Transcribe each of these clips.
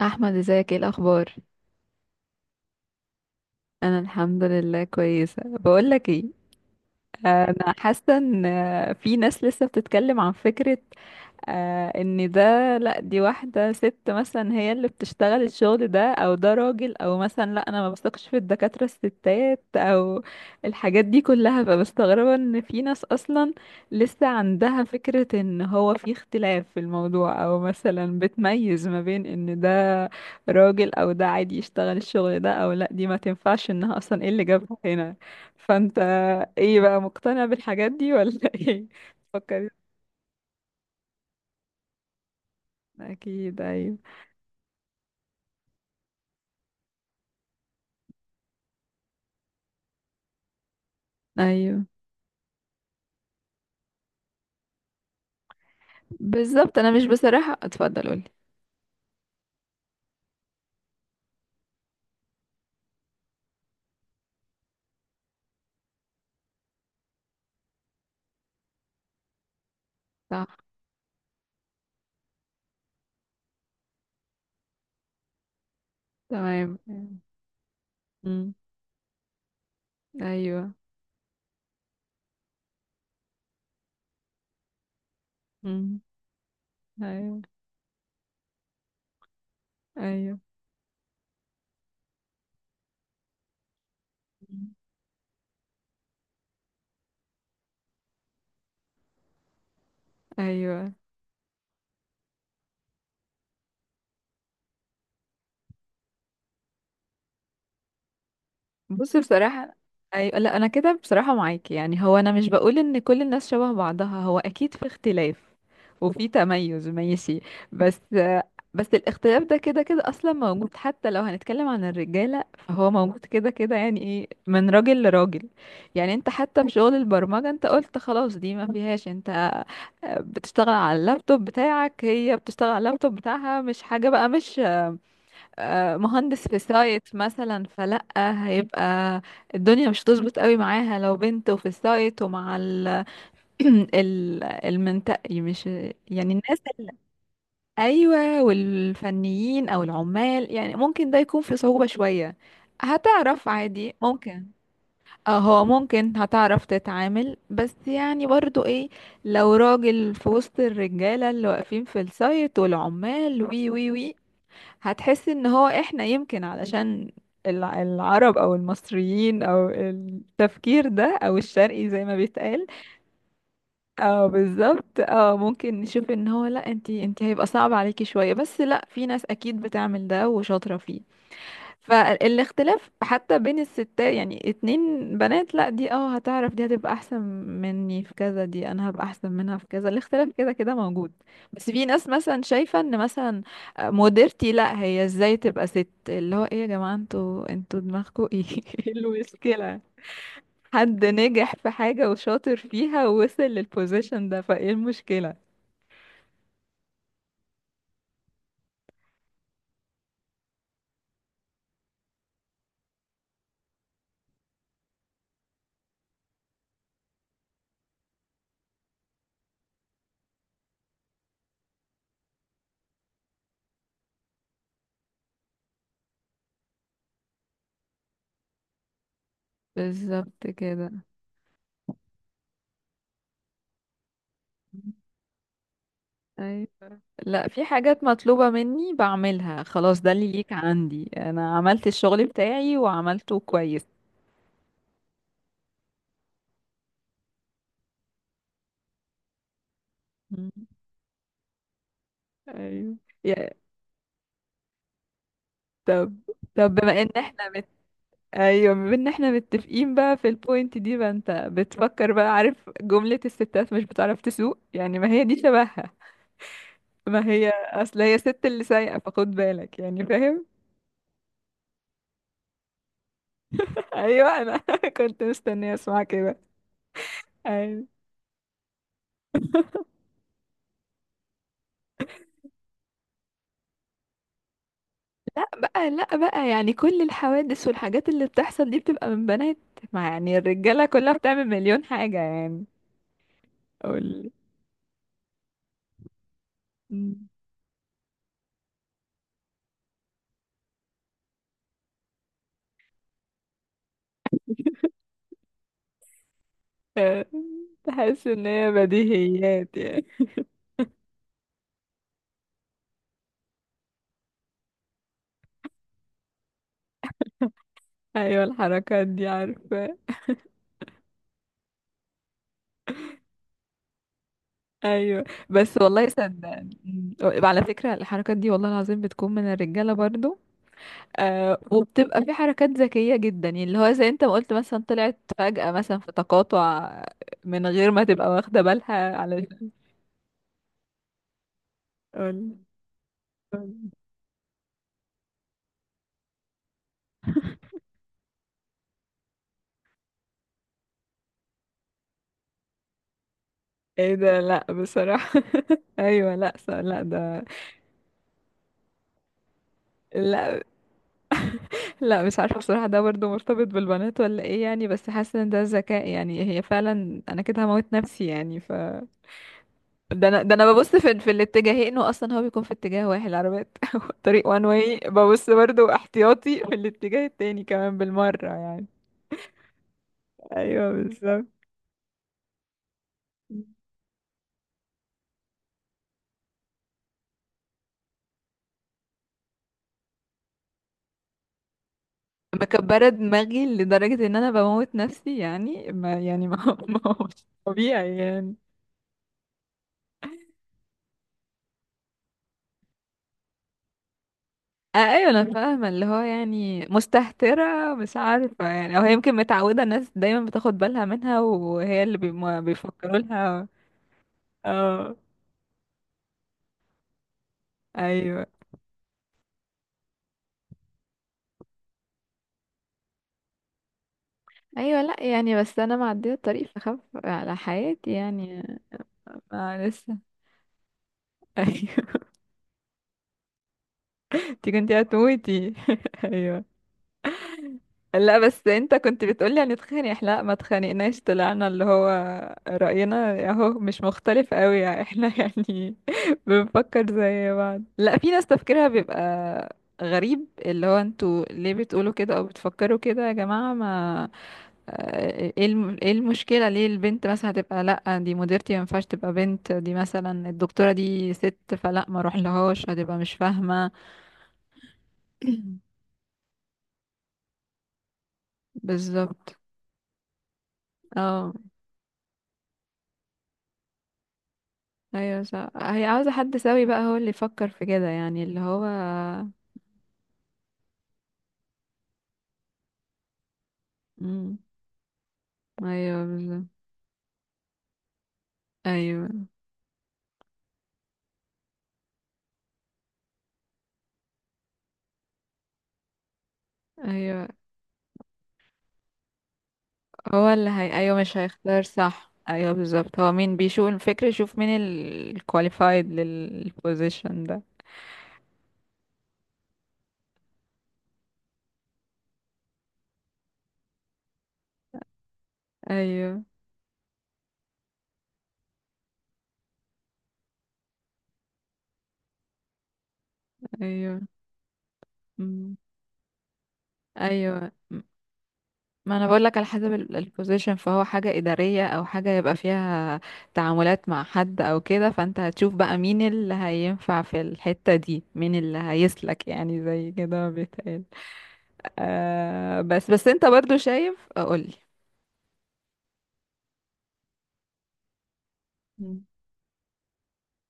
احمد، ازيك؟ ايه الاخبار؟ انا الحمد لله كويسه. بقول لك ايه؟ انا حاسه ان في ناس لسه بتتكلم عن فكره، ان ده، لا دي واحده ست مثلا هي اللي بتشتغل الشغل ده، او ده راجل، او مثلا لا انا ما بثقش في الدكاتره الستات، او الحاجات دي كلها. فبستغربه ان في ناس اصلا لسه عندها فكره ان هو في اختلاف في الموضوع، او مثلا بتميز ما بين ان ده راجل او ده عادي يشتغل الشغل ده، او لا دي ما تنفعش، انها اصلا ايه اللي جابها هنا؟ فانت ايه بقى، مقتنع بالحاجات دي ولا ايه فكري؟ اكيد ايوه. ايوه بالظبط، انا مش بصراحة. اتفضل قولي. صح. تمام. امم. ايوه. امم. ايوه. ايوه. امم. ايوه. بصي بصراحة، أيوة. لا أنا كده بصراحة معاكي، يعني هو أنا مش بقول إن كل الناس شبه بعضها، هو أكيد في اختلاف وفي تميز، ماشي. بس بس الاختلاف ده كده كده أصلا موجود، حتى لو هنتكلم عن الرجالة فهو موجود كده كده. يعني إيه، من راجل لراجل. يعني أنت حتى في شغل البرمجة، أنت قلت خلاص دي ما فيهاش، أنت بتشتغل على اللابتوب بتاعك، هي بتشتغل على اللابتوب بتاعها، مش حاجة بقى. مش مهندس في سايت مثلا، فلأ. هيبقى الدنيا مش هتظبط قوي معاها لو بنت وفي السايت، ومع ال المنطقي، مش يعني الناس ايوه، والفنيين او العمال، يعني ممكن ده يكون في صعوبة شوية. هتعرف عادي ممكن. اه، هو ممكن هتعرف تتعامل، بس يعني برضو ايه، لو راجل في وسط الرجالة اللي واقفين في السايت والعمال، وي وي وي، هتحس ان هو احنا يمكن علشان العرب او المصريين، او التفكير ده، او الشرقي زي ما بيتقال. اه بالظبط، اه ممكن نشوف ان هو، لا انتي انتي هيبقى صعب عليكي شوية، بس لا في ناس اكيد بتعمل ده وشاطرة فيه. فالاختلاف حتى بين الستات، يعني اتنين بنات، لا دي اه هتعرف، دي هتبقى احسن مني في كذا، دي انا هبقى احسن منها في كذا. الاختلاف كده كده موجود. بس في ناس مثلا شايفة ان مثلا مديرتي، لا هي ازاي تبقى ست، اللي هو ايه يا جماعة، انتوا دماغكوا ايه؟ إيه المشكلة؟ حد نجح في حاجة وشاطر فيها ووصل للبوزيشن ده، فايه المشكلة؟ بالظبط كده. لا في حاجات مطلوبة مني بعملها، خلاص ده اللي ليك عندي، انا عملت الشغل بتاعي وعملته كويس. مم. ايوه. يا طب، طب بما ان احنا ايوه، بما ان احنا متفقين بقى في البوينت دي، بقى انت بتفكر بقى، عارف جملة الستات مش بتعرف تسوق؟ يعني ما هي دي شبهها، ما هي اصل هي ست اللي سايقة فخد بالك، يعني فاهم؟ ايوه، انا كنت مستنية اسمع كده. ايوه، لا بقى، لا بقى، يعني كل الحوادث والحاجات اللي بتحصل دي بتبقى من بنات؟ ما يعني الرجالة كلها بتعمل مليون حاجة يعني. قول. مم. آه، تحس ان هي بديهيات يعني. ايوه الحركات دي عارفة. ايوه، بس والله صدقني. مم. على فكرة الحركات دي والله العظيم بتكون من الرجالة برضو. وبتبقى في حركات ذكية جدا، يعني اللي هو زي انت ما قلت، مثلا طلعت فجأة مثلا في تقاطع من غير ما تبقى واخدة بالها على. قول. ايه ده، لا بصراحة. ايوه لا لا ده، لا لا مش عارفة بصراحة ده برضه مرتبط بالبنات ولا ايه يعني، بس حاسة ان ده ذكاء يعني. هي فعلا انا كده هموت نفسي يعني. ف ده انا ببص في الاتجاهين، واصلا هو بيكون في اتجاه واحد العربيات. طريق وان واي، ببص برضه احتياطي في الاتجاه التاني كمان بالمرة يعني. ايوه بالظبط. مكبرة دماغي لدرجة ان انا بموت نفسي يعني، ما يعني ما ما هوش طبيعي يعني. آه، ايوه انا فاهمه، اللي هو يعني مستهتره مش عارفه يعني، او هي يمكن متعوده الناس دايما بتاخد بالها منها، وهي اللي بيفكروا لها. اه. ايوه. ايوه، لا يعني بس انا معديه الطريق فخاف على حياتي يعني. ما لسه. ايوه، انت كنتي هتموتي. ايوه. لا بس انت كنت بتقولي هنتخانق، احنا لا ما اتخانقناش، طلعنا اللي هو رأينا اهو مش مختلف قوي يعني. احنا يعني بنفكر زي بعض. لا في ناس تفكيرها بيبقى غريب، اللي هو انتوا ليه بتقولوا كده او بتفكروا كده يا جماعة؟ ما اه، ايه المشكلة؟ ليه البنت مثلا هتبقى، لا دي مديرتي ما ينفعش تبقى بنت، دي مثلا الدكتورة دي ست، فلا ما اروح لهاش هتبقى مش فاهمة. بالظبط اه. ايوه صح، هي عاوزة حد سوي بقى، هو اللي يفكر في كده، يعني اللي هو امم. ايوه بالظبط. ايوه. ايوه، هو اللي هي ايوه، مش هيختار؟ صح. ايوه بالظبط، هو مين بيشوف الفكر يشوف مين الكواليفايد للبوزيشن ده. ايوه. ايوه. امم. ايوه. ما انا بقول لك على حسب البوزيشن، فهو حاجة إدارية او حاجة يبقى فيها تعاملات مع حد او كده، فانت هتشوف بقى مين اللي هينفع في الحتة دي، مين اللي هيسلك يعني زي كده ما بيتقال. آه، بس انت برضو شايف؟ قولي. مم.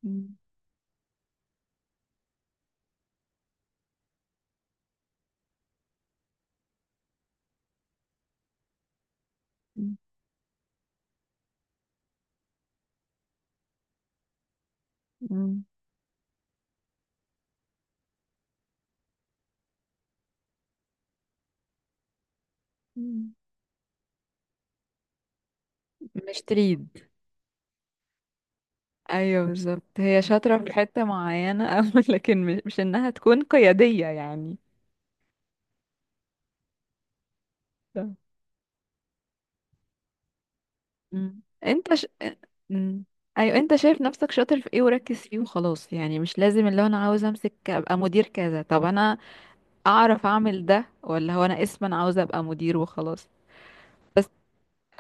مم. مم. مم. مم. مش تريد. ايوه بالظبط، هي شاطرة في حتة معينة او لكن مش انها تكون قيادية يعني. مم. انت ش... مم. ايوه انت شايف نفسك شاطر في ايه وركز فيه وخلاص، يعني مش لازم اللي هو انا عاوز امسك ابقى مدير كذا. طب انا اعرف اعمل ده، ولا هو انا اسما عاوز ابقى مدير وخلاص؟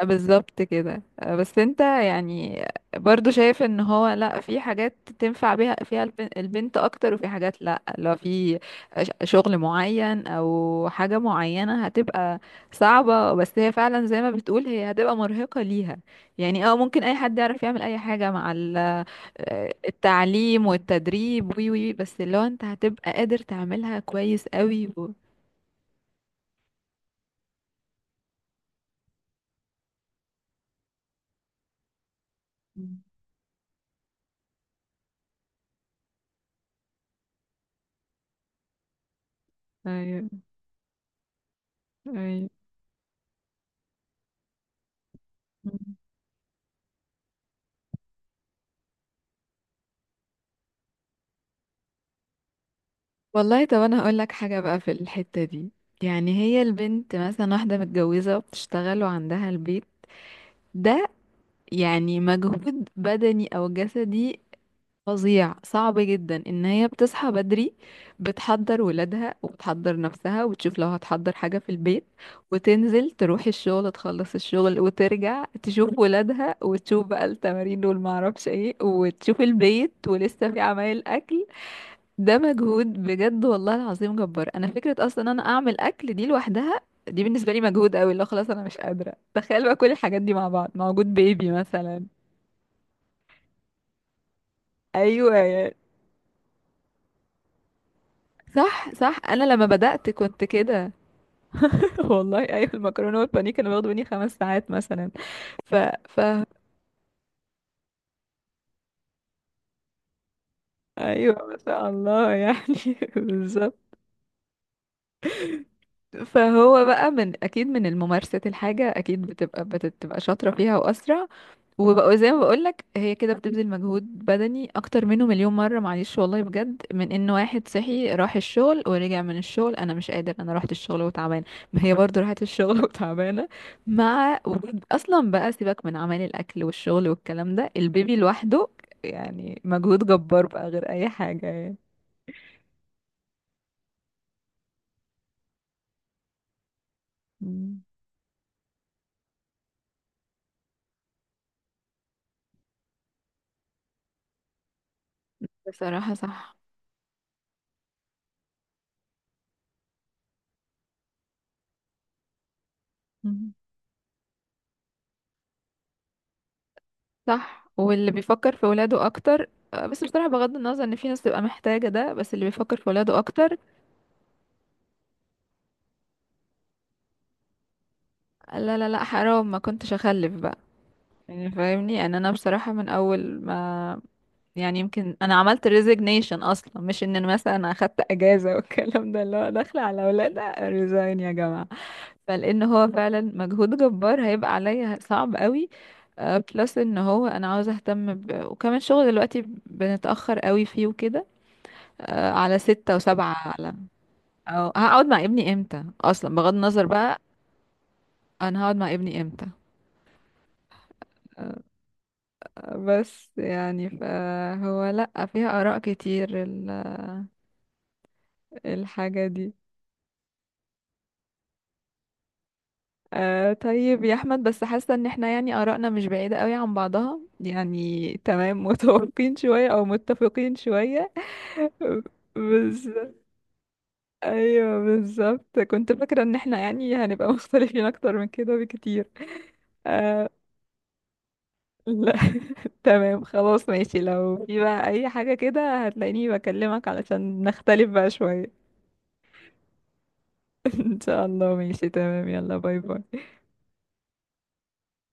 آه بالظبط كده. بس انت يعني برضو شايف ان هو لا في حاجات تنفع بيها فيها البنت اكتر، وفي حاجات لا لو في شغل معين او حاجة معينة هتبقى صعبة، بس هي فعلا زي ما بتقول هي هتبقى مرهقة ليها يعني. اه ممكن اي حد يعرف يعمل اي حاجة مع التعليم والتدريب وي وي، بس اللي هو انت هتبقى قادر تعملها كويس قوي و... مم. ايوه. ايوه. والله، طب انا هقول لك حاجه بقى في الحته دي. يعني هي البنت مثلا واحده متجوزه وبتشتغل وعندها البيت ده، يعني مجهود بدني او جسدي فظيع صعب جدا، ان هي بتصحى بدري، بتحضر ولادها وبتحضر نفسها وبتشوف لو هتحضر حاجه في البيت، وتنزل تروح الشغل تخلص الشغل وترجع تشوف ولادها وتشوف بقى التمارين والمعرفش ايه، وتشوف البيت ولسه في عمايل اكل. ده مجهود بجد والله العظيم جبار. انا فكره اصلا إن انا اعمل اكل دي لوحدها، دي بالنسبه لي مجهود قوي، اللي هو خلاص انا مش قادره تخيل بقى كل الحاجات دي مع بعض مع وجود بيبي مثلا. ايوه صح صح، انا لما بدات كنت كده. والله ايوه، المكرونه والبانيه كانوا بياخدوا مني 5 ساعات مثلا. ف ف ايوه، ما شاء الله يعني. بالظبط. فهو بقى من اكيد من الممارسه الحاجه اكيد بتبقى شاطره فيها واسرع، وبقى زي ما بقولك هي كده بتبذل مجهود بدني اكتر منه مليون مرة. معلش والله بجد، من ان واحد صحي راح الشغل ورجع من الشغل انا مش قادر، انا رحت الشغل وتعبان، ما هي برضو راحت الشغل وتعبانة. مع وجود اصلا بقى، سيبك من عمل الاكل والشغل والكلام ده، البيبي لوحده يعني مجهود جبار بقى غير اي حاجة يعني. مم. بصراحة صح. مم. صح، واللي بيفكر في ولاده اكتر. بس بصراحة بغض النظر ان في ناس تبقى محتاجة ده، بس اللي بيفكر في ولاده اكتر لا لا لا حرام، ما كنتش اخلف بقى. يعني فاهمني ان انا بصراحة من اول ما، يعني يمكن انا عملت ريزيجنيشن اصلا، مش ان أنا مثلا أنا اخدت اجازة والكلام ده، اللي هو داخلة على اولاد ريزاين يا جماعة. فلان هو فعلا مجهود جبار هيبقى عليا صعب قوي. بلس ان هو انا عاوزة اهتم وكمان شغل دلوقتي بنتأخر قوي فيه وكده، على ستة وسبعة. على أو هقعد مع ابني امتى؟ اصلا بغض النظر بقى، انا هقعد مع ابني امتى؟ بس يعني فهو لأ، فيها آراء كتير الحاجة دي. آه، طيب يا أحمد، بس حاسة إن احنا يعني آراءنا مش بعيدة قوي عن بعضها، يعني تمام، متوافقين شوية أو متفقين شوية. بس أيوه بالظبط، كنت فاكرة إن احنا يعني هنبقى مختلفين أكتر من كده بكتير. آه. لا تمام خلاص ماشي، لو في بقى أي حاجة كده هتلاقيني بكلمك علشان نختلف بقى شوية. ان شاء الله ماشي تمام، يلا باي باي.